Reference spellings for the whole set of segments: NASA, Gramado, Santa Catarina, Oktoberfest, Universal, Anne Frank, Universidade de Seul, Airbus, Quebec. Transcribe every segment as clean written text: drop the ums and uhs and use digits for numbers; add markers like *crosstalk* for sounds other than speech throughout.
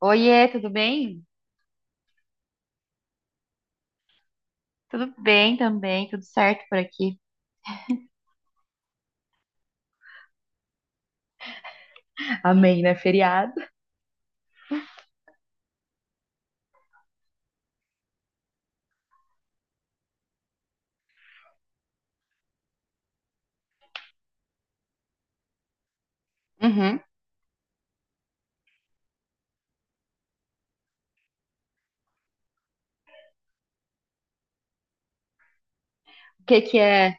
Oiê, tudo bem? Tudo bem também, tudo certo por aqui. Amém, né? Feriado. Uhum. O que que é?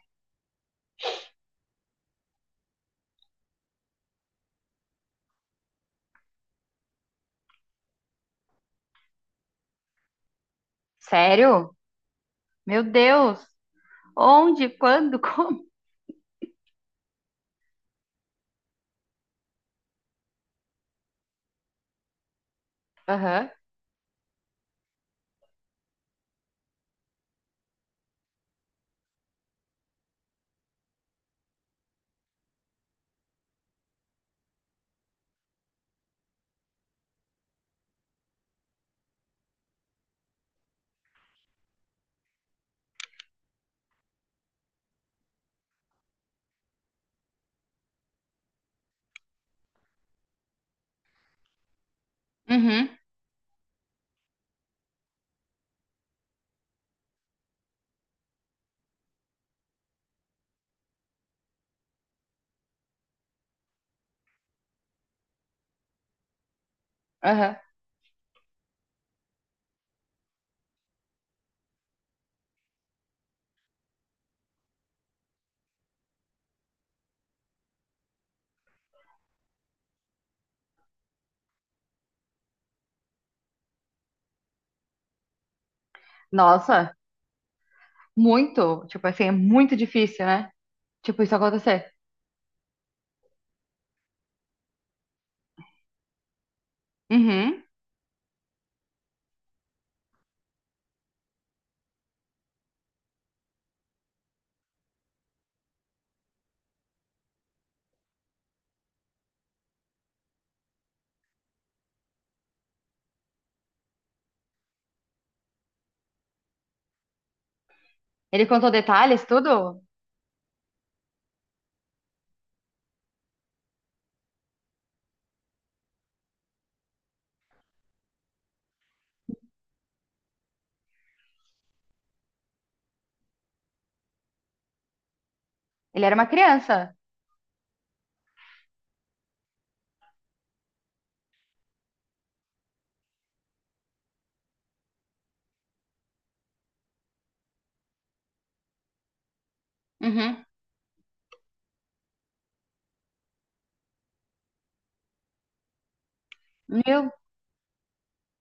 Sério? Meu Deus! Onde? Quando? *laughs* Como? Aham. Uhum. Aham. Nossa, muito. Tipo assim, é muito difícil, né? Tipo, isso acontecer. Uhum. Ele contou detalhes, tudo? Ele era uma criança. Uhum. Meu,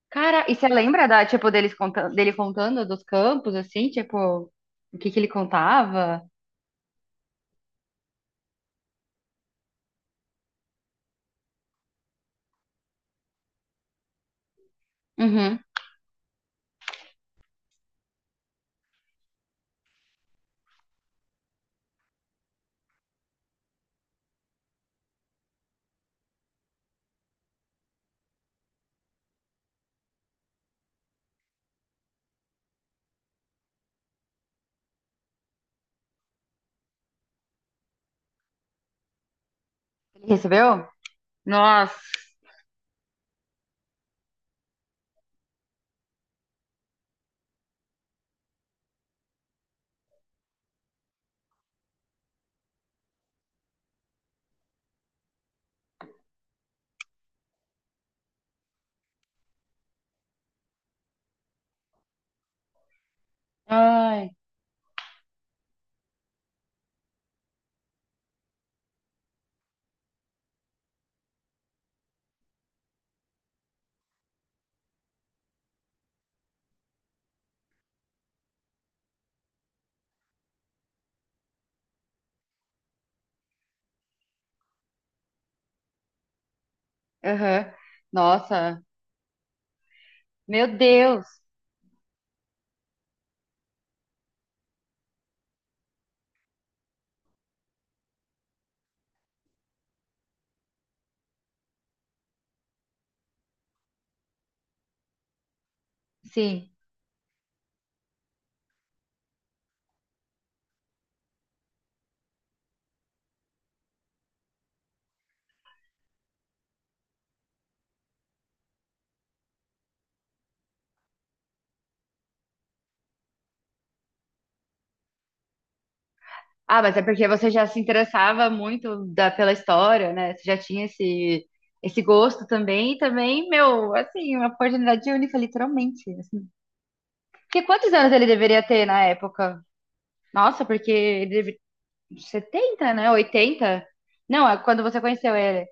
cara, e você lembra da, tipo, deles contando, dele contando dos campos, assim? Tipo, o que que ele contava? Uhum. Ele recebeu? Nossa. Ai. Aham. Nossa. Meu Deus. Sim. Ah, mas é porque você já se interessava muito pela história, né? Você já tinha esse, esse gosto também. E também, meu, assim, uma oportunidade única, literalmente, assim. Porque quantos anos ele deveria ter na época? Nossa, porque ele deve... 70, né? Oitenta. Não, é quando você conheceu ele.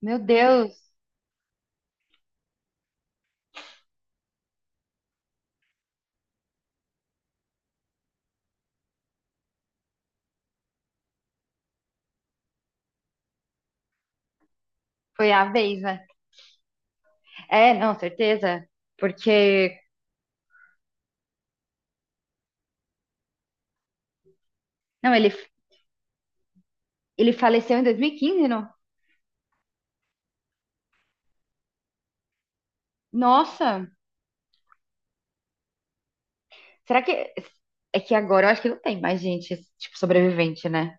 Meu Deus, foi a vez, né? É, não, certeza. Porque. Não, ele. Ele faleceu em dois mil e quinze, não? Nossa! Será que. É que agora eu acho que não tem mais gente, tipo, sobrevivente, né?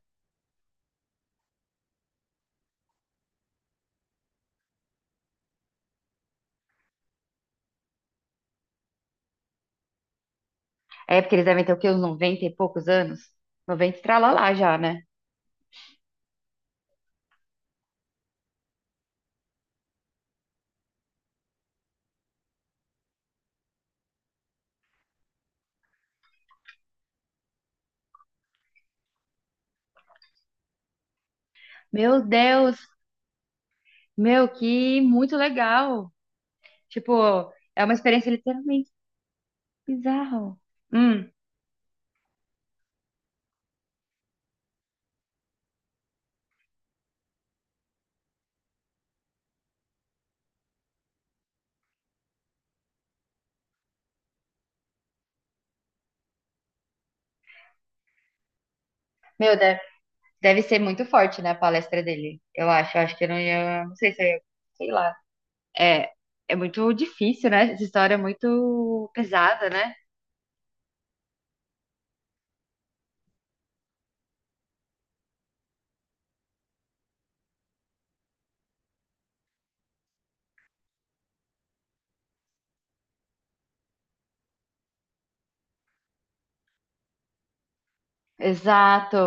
É porque eles devem ter o quê? Uns 90 e poucos anos? Noventa e tralalá já, né? Meu Deus! Meu, que muito legal! Tipo, é uma experiência literalmente bizarra. Hum. Meu, deve, deve ser muito forte, né, a palestra dele. Eu acho que eu não ia. Não sei se eu ia. Sei lá. É, é muito difícil, né? Essa história é muito pesada, né? Exato.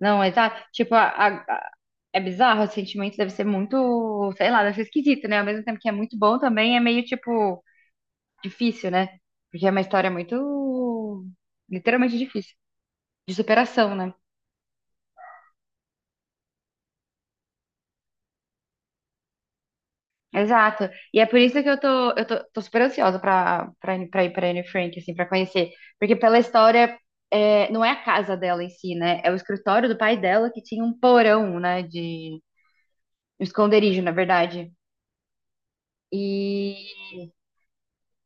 Não, exato. Tipo, é bizarro, o sentimento deve ser muito, sei lá, deve ser esquisito, né? Ao mesmo tempo que é muito bom também, é meio, tipo, difícil, né? Porque é uma história muito, literalmente difícil, de superação, né? Exato. E é por isso que tô super ansiosa pra ir pra Anne Frank, assim, pra conhecer. Porque pela história, é, não é a casa dela em si, né? É o escritório do pai dela que tinha um porão, né? De um esconderijo, na verdade. E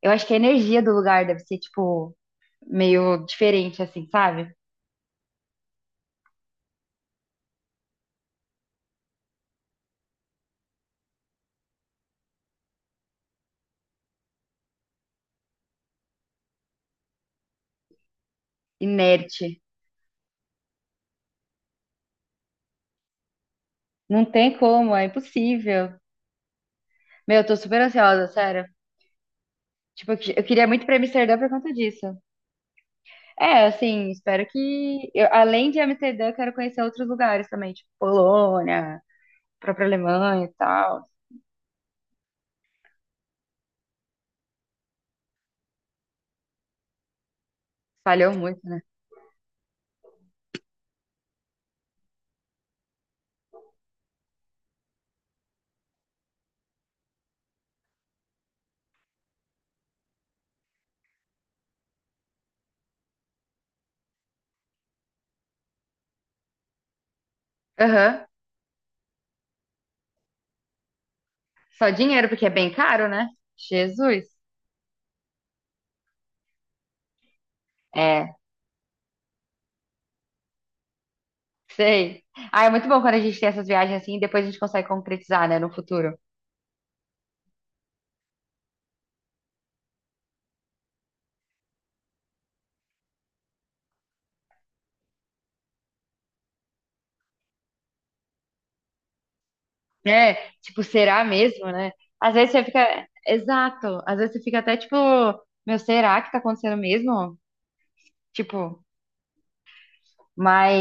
eu acho que a energia do lugar deve ser, tipo, meio diferente, assim, sabe? Inerte. Não tem como, é impossível. Meu, eu tô super ansiosa, sério. Tipo, eu queria muito ir pra Amsterdã por conta disso. É, assim, espero que eu, além de Amsterdã, eu quero conhecer outros lugares também, tipo Polônia, própria Alemanha e tal. Falhou muito, né? Aham. Só dinheiro, porque é bem caro, né? Jesus. É, sei. Ah, é muito bom quando a gente tem essas viagens assim e depois a gente consegue concretizar, né, no futuro. É, tipo, será mesmo, né? Às vezes você fica. Exato. Às vezes você fica até tipo, meu, será que tá acontecendo mesmo? Tipo, mas.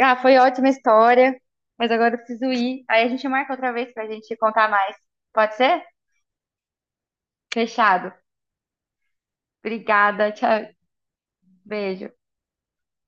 Ah, foi ótima história, mas agora eu preciso ir. Aí a gente marca outra vez pra gente contar mais. Pode ser? Fechado. Obrigada, tchau. Beijo.